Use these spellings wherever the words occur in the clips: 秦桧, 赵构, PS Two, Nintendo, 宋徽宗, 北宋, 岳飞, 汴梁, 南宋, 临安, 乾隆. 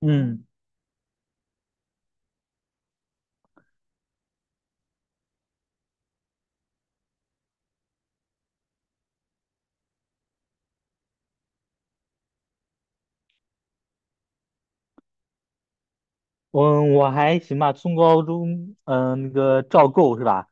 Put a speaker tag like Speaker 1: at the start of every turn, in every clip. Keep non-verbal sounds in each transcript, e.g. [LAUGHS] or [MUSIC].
Speaker 1: 嗯，我还行吧，初高中，那个赵构是吧？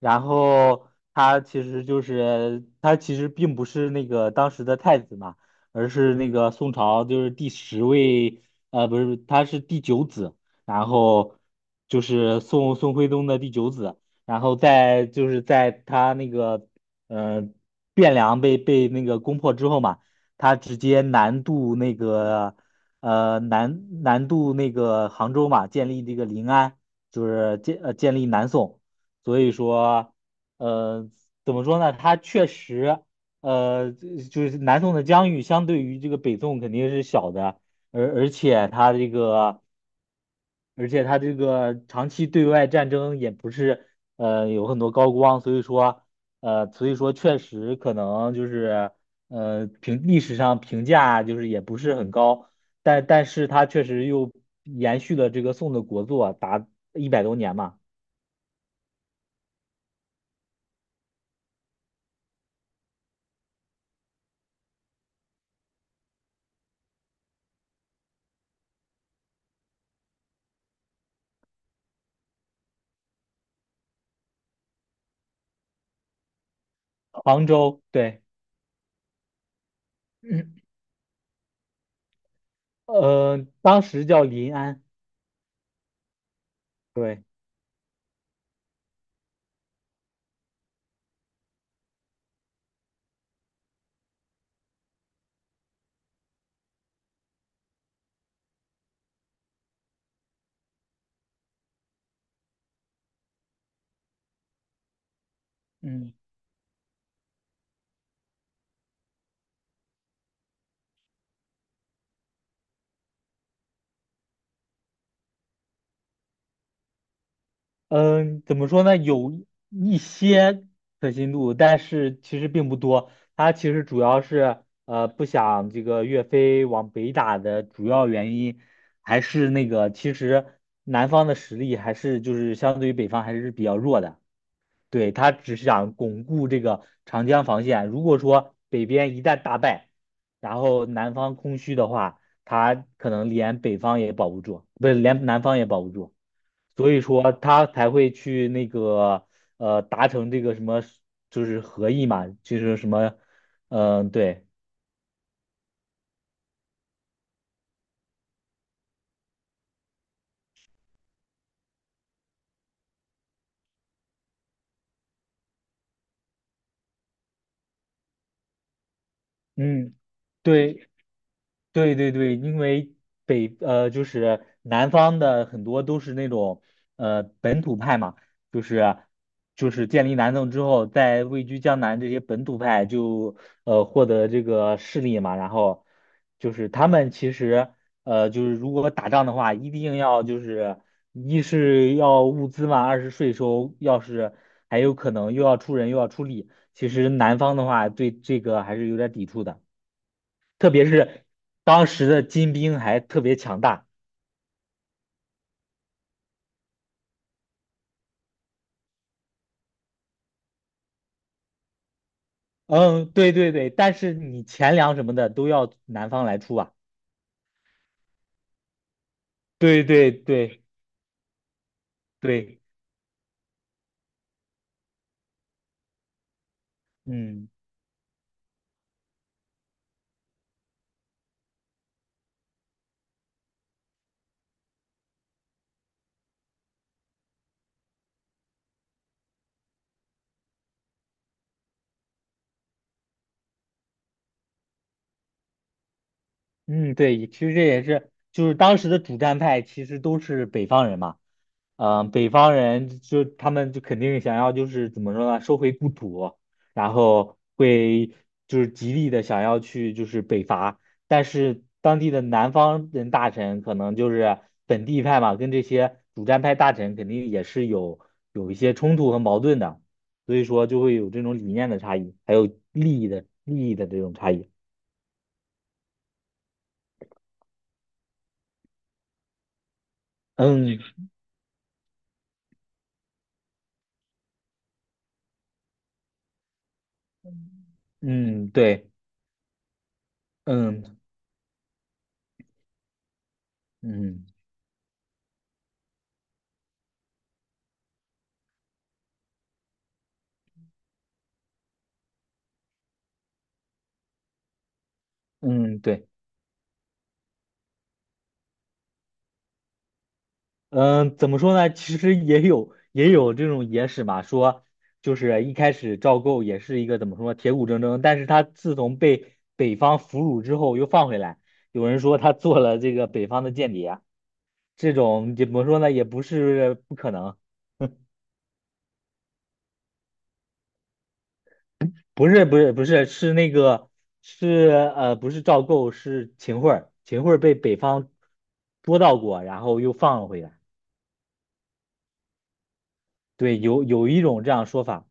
Speaker 1: 然后他其实并不是那个当时的太子嘛，而是那个宋朝就是第十位，不是，他是第九子，然后就是宋徽宗的第九子，然后在就是在他那个呃汴梁被那个攻破之后嘛，他直接南渡那个。南渡那个杭州嘛，建立这个临安，就是建立南宋，所以说呃怎么说呢？它确实就是南宋的疆域相对于这个北宋肯定是小的，而而且它这个而且他这个长期对外战争也不是有很多高光，所以说确实可能就是历史上评价就是也不是很高。但是他确实又延续了这个宋的国祚啊，达100多年嘛。杭州，对，嗯。当时叫临安，对，嗯。嗯、怎么说呢？有一些可信度，但是其实并不多。他其实主要是不想这个岳飞往北打的主要原因，还是那个其实南方的实力还是就是相对于北方还是比较弱的。对，他只是想巩固这个长江防线。如果说北边一旦大败，然后南方空虚的话，他可能连北方也保不住，不是连南方也保不住。所以说他才会去那个达成这个什么，就是合议嘛，就是什么，嗯、对，嗯，对。对对对，因为就是南方的很多都是那种本土派嘛，就是就是建立南宋之后，在位居江南这些本土派就获得这个势力嘛，然后就是他们其实就是如果打仗的话，一定要就是一是要物资嘛，二是税收，要是还有可能又要出人又要出力。其实南方的话对这个还是有点抵触的，特别是当时的金兵还特别强大。嗯，对对对，但是你钱粮什么的都要南方来出啊。对对对对，嗯。嗯，对，其实这也是，就是当时的主战派其实都是北方人嘛，北方人就他们就肯定想要就是怎么说呢，收回故土，然后会就是极力的想要去就是北伐，但是当地的南方人大臣可能就是本地派嘛，跟这些主战派大臣肯定也是有一些冲突和矛盾的，所以说就会有这种理念的差异，还有利益的这种差异。嗯嗯，对。嗯嗯嗯，对，嗯，怎么说呢？其实也有这种野史嘛，说就是一开始赵构也是一个怎么说铁骨铮铮，但是他自从被北方俘虏之后又放回来，有人说他做了这个北方的间谍，这种怎么说呢？也不是不可能，不是不是不是，是不是赵构是秦桧儿，秦桧儿被北方捉到过，然后又放了回来，对，有一种这样说法。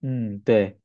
Speaker 1: 嗯，对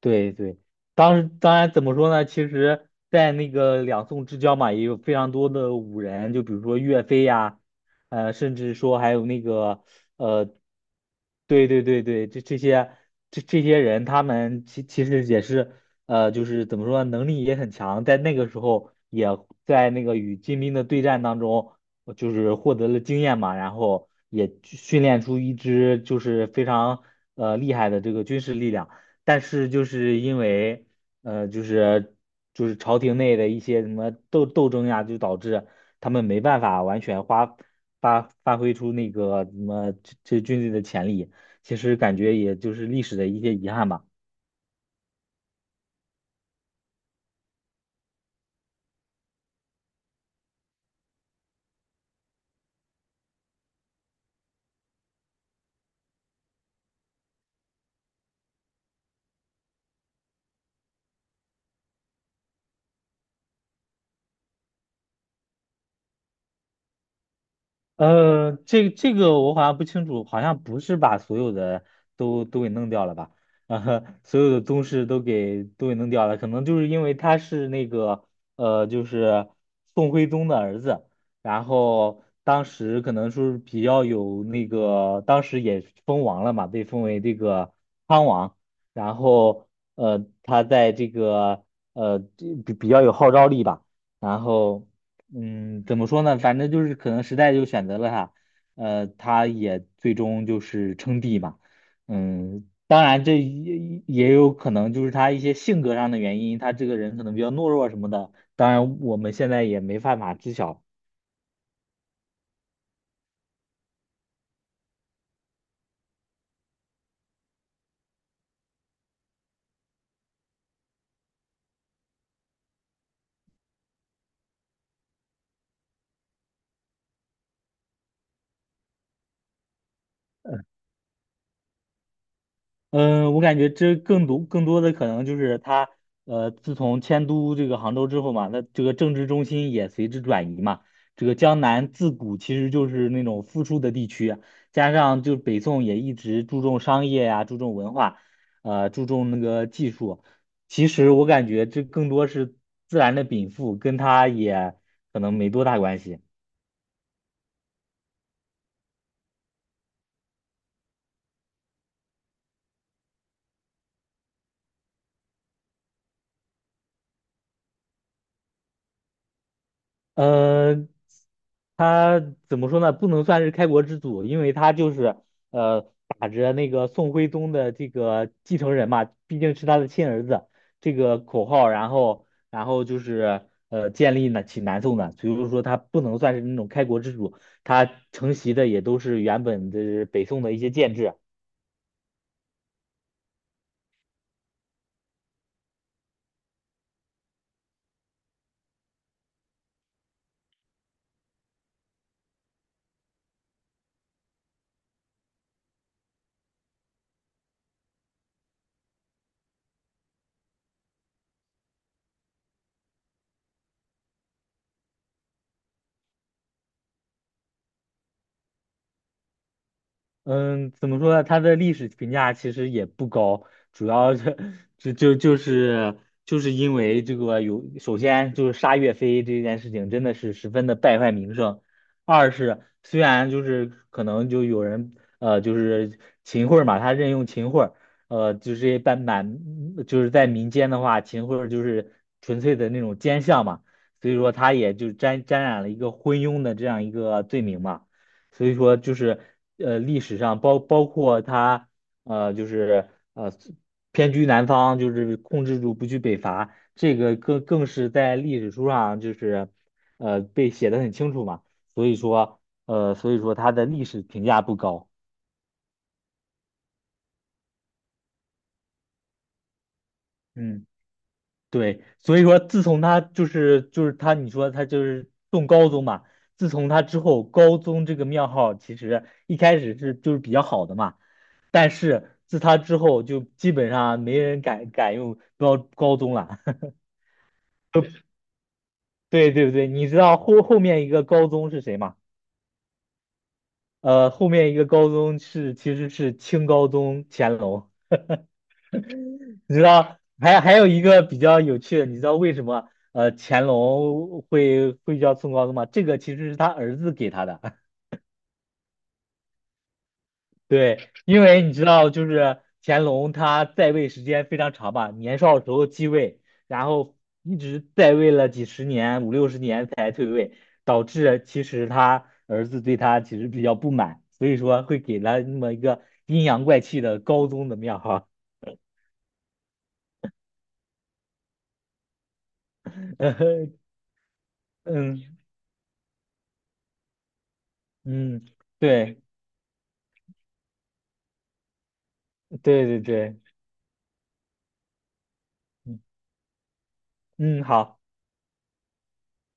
Speaker 1: 对对，当时当然怎么说呢？其实，在那个两宋之交嘛，也有非常多的武人，就比如说岳飞呀，甚至说还有那个，呃，对对对对，这些人，他们其实也是，就是怎么说呢，能力也很强，在那个时候也在那个与金兵的对战当中，就是获得了经验嘛，然后也训练出一支就是非常厉害的这个军事力量。但是就是因为呃，就是就是朝廷内的一些什么斗争呀，就导致他们没办法完全发挥出那个什么这军队的潜力。其实感觉也就是历史的一些遗憾吧。这个我好像不清楚，好像不是把所有的都给弄掉了吧？呃，[LAUGHS] 所有的宗室都给弄掉了，可能就是因为他是那个就是宋徽宗的儿子，然后当时可能说是比较有那个，当时也封王了嘛，被封为这个康王，然后他在这个呃这比比较有号召力吧，然后。嗯，怎么说呢？反正就是可能时代就选择了他，他也最终就是称帝嘛。嗯，当然这也有可能就是他一些性格上的原因，他这个人可能比较懦弱什么的。当然，我们现在也没办法知晓。嗯，我感觉这更多的可能就是他，自从迁都这个杭州之后嘛，那这个政治中心也随之转移嘛。这个江南自古其实就是那种富庶的地区啊，加上就北宋也一直注重商业呀、注重文化，注重那个技术。其实我感觉这更多是自然的禀赋，跟他也可能没多大关系。呃，他怎么说呢？不能算是开国之祖，因为他就是呃打着那个宋徽宗的这个继承人嘛，毕竟是他的亲儿子这个口号，然后就是建立呢起南宋的，所以说他不能算是那种开国之主，他承袭的也都是原本的北宋的一些建制。嗯，怎么说呢？他的历史评价其实也不高，主要是 [LAUGHS] 就就就是就是因为这个首先就是杀岳飞这件事情真的是十分的败坏名声，二是虽然就是可能就有人就是秦桧儿嘛，他任用秦桧儿呃就是半满就是在民间的话，秦桧儿就是纯粹的那种奸相嘛，所以说他也就沾染了一个昏庸的这样一个罪名嘛。所以说就是历史上包括他就是呃偏居南方，就是控制住不去北伐，这个更是在历史书上就是被写的很清楚嘛。所以说所以说他的历史评价不高。嗯。对，所以说自从他就是他，你说他就是中高宗嘛，自从他之后，高宗这个庙号其实一开始是就是比较好的嘛，但是自他之后就基本上没人敢用高宗了。[LAUGHS] 对对对，你知道后面一个高宗是谁吗？后面一个高宗其实是清高宗乾隆。你知道，还有一个比较有趣的，你知道为什么乾隆会叫宋高宗吗？这个其实是他儿子给他的，[LAUGHS] 对，因为你知道，就是乾隆他在位时间非常长吧，年少时候继位，然后一直在位了几十年，五六十年才退位，导致其实他儿子对他其实比较不满，所以说会给他那么一个阴阳怪气的高宗的庙哈，[LAUGHS] 嗯嗯，对对对对。嗯嗯，好。